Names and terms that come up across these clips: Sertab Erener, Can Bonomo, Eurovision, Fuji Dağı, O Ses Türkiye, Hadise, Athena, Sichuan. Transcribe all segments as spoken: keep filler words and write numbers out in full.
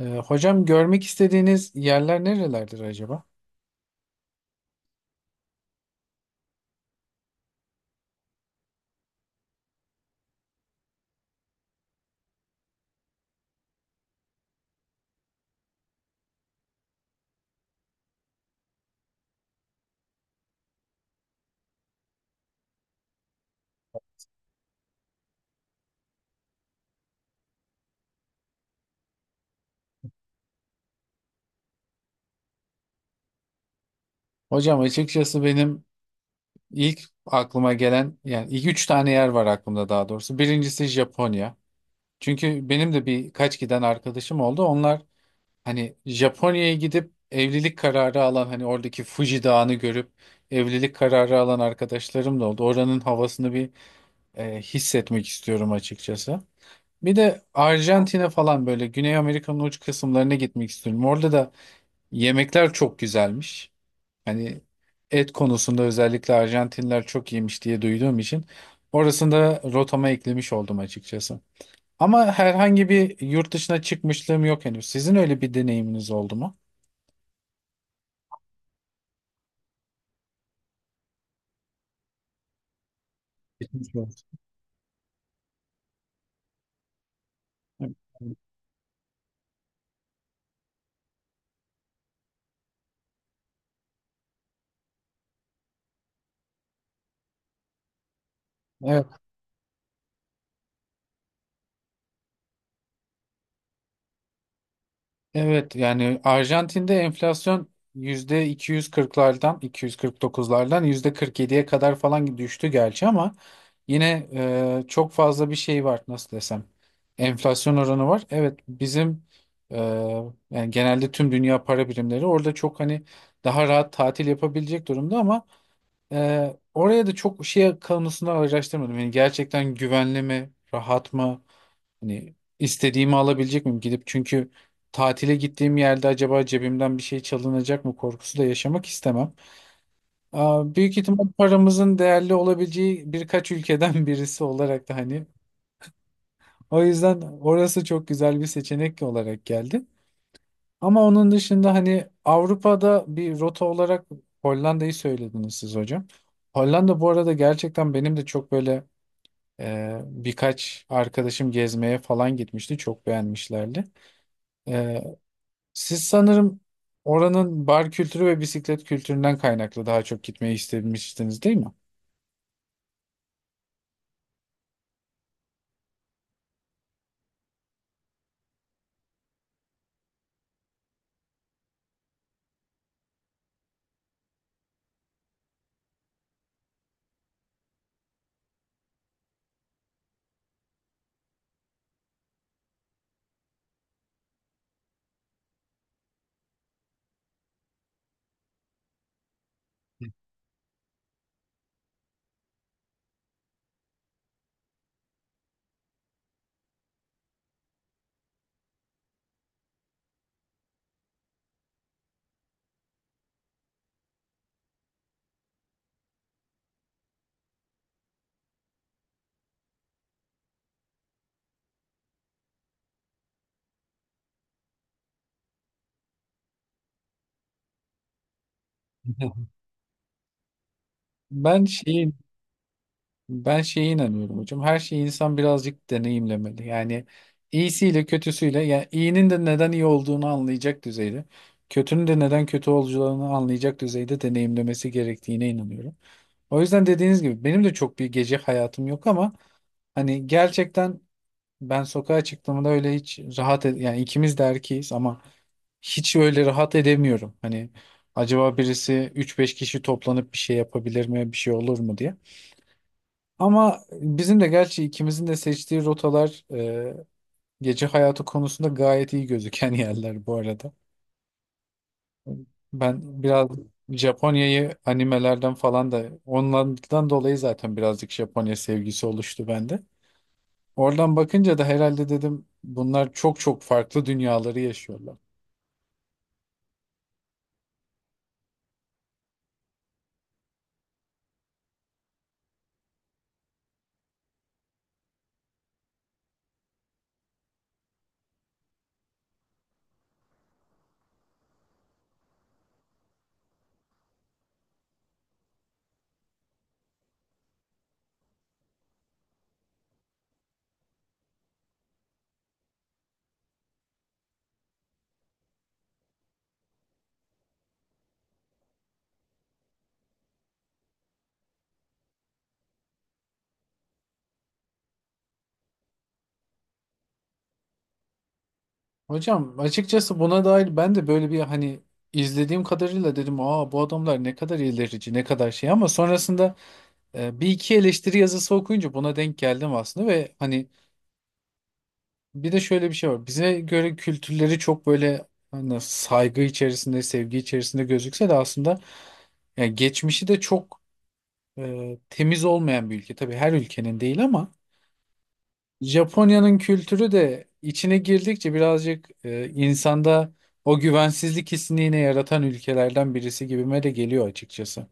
Ee, hocam görmek istediğiniz yerler nerelerdir acaba? Hocam açıkçası benim ilk aklıma gelen yani ilk üç tane yer var aklımda daha doğrusu. Birincisi Japonya. Çünkü benim de birkaç giden arkadaşım oldu. Onlar hani Japonya'ya gidip evlilik kararı alan hani oradaki Fuji Dağı'nı görüp evlilik kararı alan arkadaşlarım da oldu. Oranın havasını bir e, hissetmek istiyorum açıkçası. Bir de Arjantin'e falan böyle Güney Amerika'nın uç kısımlarına gitmek istiyorum. Orada da yemekler çok güzelmiş. Hani et konusunda özellikle Arjantinler çok yemiş diye duyduğum için orasını da rotama eklemiş oldum açıkçası. Ama herhangi bir yurt dışına çıkmışlığım yok henüz. Sizin öyle bir deneyiminiz oldu mu? Geçmiş olsun. Evet. Evet yani Arjantin'de enflasyon yüzde iki yüz kırklardan, iki yüz kırk dokuzlardan yüzde kırk yediye kadar falan düştü gerçi ama yine e, çok fazla bir şey var, nasıl desem, enflasyon oranı var. Evet, bizim e, yani genelde tüm dünya para birimleri orada çok hani daha rahat tatil yapabilecek durumda ama e, oraya da çok şey konusunda araştırmadım. Yani gerçekten güvenli mi, rahat mı? Hani istediğimi alabilecek miyim gidip? Çünkü tatile gittiğim yerde acaba cebimden bir şey çalınacak mı korkusu da yaşamak istemem. Aa, büyük ihtimal paramızın değerli olabileceği birkaç ülkeden birisi olarak da hani o yüzden orası çok güzel bir seçenek olarak geldi. Ama onun dışında hani Avrupa'da bir rota olarak Hollanda'yı söylediniz siz hocam. Hollanda bu arada gerçekten benim de çok böyle e, birkaç arkadaşım gezmeye falan gitmişti. Çok beğenmişlerdi. Siz sanırım oranın bar kültürü ve bisiklet kültüründen kaynaklı daha çok gitmeyi istemiştiniz değil mi? Ben şeyi Ben şeye inanıyorum hocam. Her şeyi insan birazcık deneyimlemeli. Yani iyisiyle kötüsüyle, yani iyinin de neden iyi olduğunu anlayacak düzeyde, kötünün de neden kötü olacağını anlayacak düzeyde deneyimlemesi gerektiğine inanıyorum. O yüzden dediğiniz gibi benim de çok bir gece hayatım yok ama hani gerçekten ben sokağa çıktığımda öyle hiç rahat ed- yani ikimiz de erkeğiz ama hiç öyle rahat edemiyorum. Hani acaba birisi üç beş kişi toplanıp bir şey yapabilir mi, bir şey olur mu diye. Ama bizim de gerçi ikimizin de seçtiği rotalar e, gece hayatı konusunda gayet iyi gözüken yerler bu arada. Ben biraz Japonya'yı animelerden falan da onlardan dolayı zaten birazcık Japonya sevgisi oluştu bende. Oradan bakınca da herhalde dedim bunlar çok çok farklı dünyaları yaşıyorlar. Hocam açıkçası buna dair ben de böyle bir hani izlediğim kadarıyla dedim aa bu adamlar ne kadar ilerici ne kadar şey ama sonrasında E, bir iki eleştiri yazısı okuyunca buna denk geldim aslında ve hani bir de şöyle bir şey var. Bize göre kültürleri çok böyle hani saygı içerisinde, sevgi içerisinde gözükse de aslında yani geçmişi de çok e, temiz olmayan bir ülke. Tabii her ülkenin değil ama Japonya'nın kültürü de içine girdikçe birazcık e, insanda o güvensizlik hissini yine yaratan ülkelerden birisi gibime de geliyor açıkçası.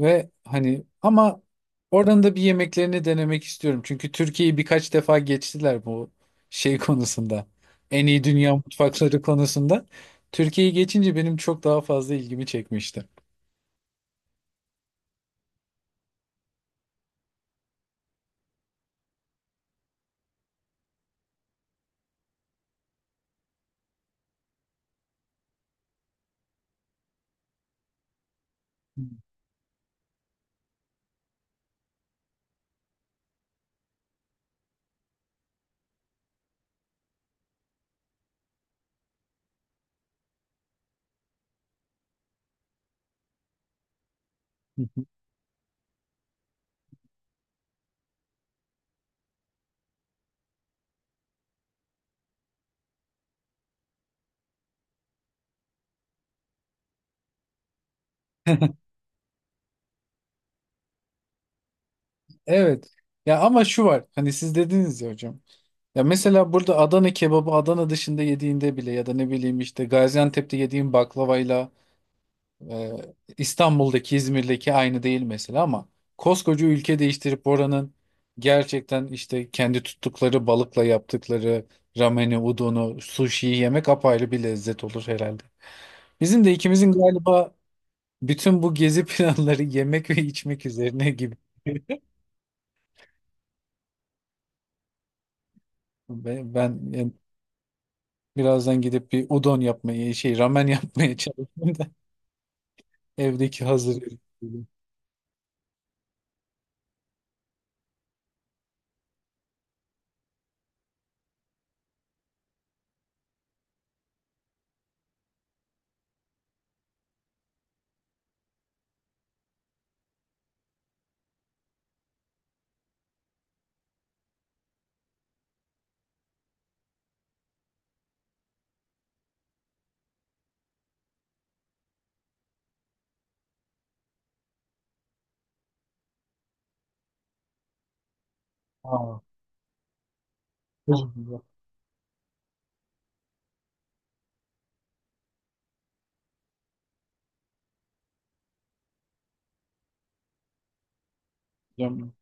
Ve hani ama oranın da bir yemeklerini denemek istiyorum. Çünkü Türkiye'yi birkaç defa geçtiler bu şey konusunda. En iyi dünya mutfakları konusunda. Türkiye'yi geçince benim çok daha fazla ilgimi çekmişti. Evet. Ya ama şu var. Hani siz dediniz ya hocam. Ya mesela burada Adana kebabı Adana dışında yediğinde bile ya da ne bileyim işte Gaziantep'te yediğin baklavayla e, İstanbul'daki, İzmir'deki aynı değil mesela ama koskoca ülke değiştirip oranın gerçekten işte kendi tuttukları balıkla yaptıkları rameni, udonu, suşiyi yemek apayrı bir lezzet olur herhalde. Bizim de ikimizin galiba bütün bu gezi planları yemek ve içmek üzerine gibi. Ben, ben e, birazdan gidip bir udon yapmaya şey ramen yapmaya çalışıyorum. Evdeki hazır ürün. Aa, özür dilerim. Yapacağım.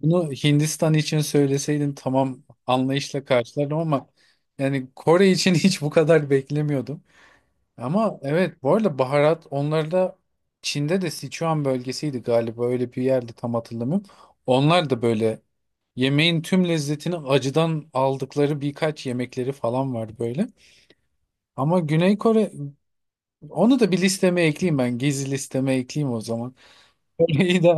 Bunu Hindistan için söyleseydin tamam anlayışla karşılardım ama yani Kore için hiç bu kadar beklemiyordum. Ama evet bu arada baharat onlarda Çin'de de Sichuan bölgesiydi galiba öyle bir yerde tam hatırlamıyorum. Onlar da böyle yemeğin tüm lezzetini acıdan aldıkları birkaç yemekleri falan var böyle. Ama Güney Kore, onu da bir listeme ekleyeyim ben gezi listeme ekleyeyim o zaman. Kore'yi de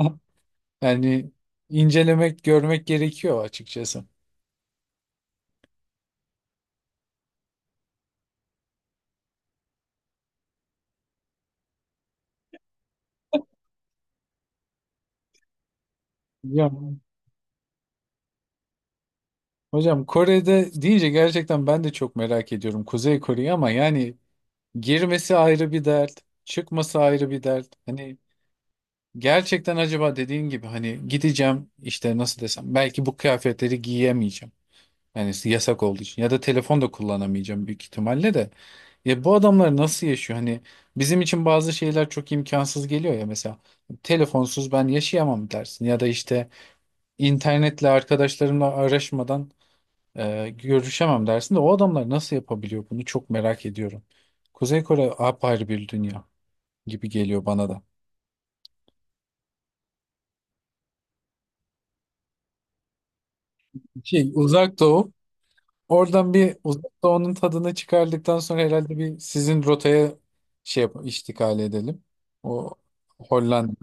Yani incelemek, görmek gerekiyor açıkçası. Hocam, hocam Kore'de deyince gerçekten ben de çok merak ediyorum Kuzey Kore'yi ama yani girmesi ayrı bir dert, çıkması ayrı bir dert. Hani gerçekten acaba dediğin gibi hani gideceğim işte nasıl desem belki bu kıyafetleri giyemeyeceğim. Yani yasak olduğu için ya da telefon da kullanamayacağım büyük ihtimalle de. Ya bu adamlar nasıl yaşıyor? Hani bizim için bazı şeyler çok imkansız geliyor ya, mesela telefonsuz ben yaşayamam dersin ya da işte İnternetle arkadaşlarımla araşmadan e, görüşemem dersin de o adamlar nasıl yapabiliyor bunu çok merak ediyorum. Kuzey Kore apayrı bir dünya gibi geliyor bana da. Şey, Uzak Doğu. Oradan bir Uzak Doğu'nun tadını çıkardıktan sonra herhalde bir sizin rotaya şey yap iştikal edelim. O Hollanda,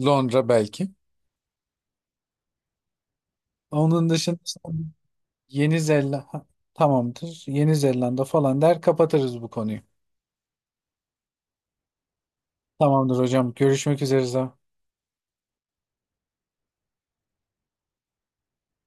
Londra belki. Onun dışında son- Yeni Zelanda tamamdır. Yeni Zelanda falan der kapatırız bu konuyu. Tamamdır hocam. Görüşmek üzere.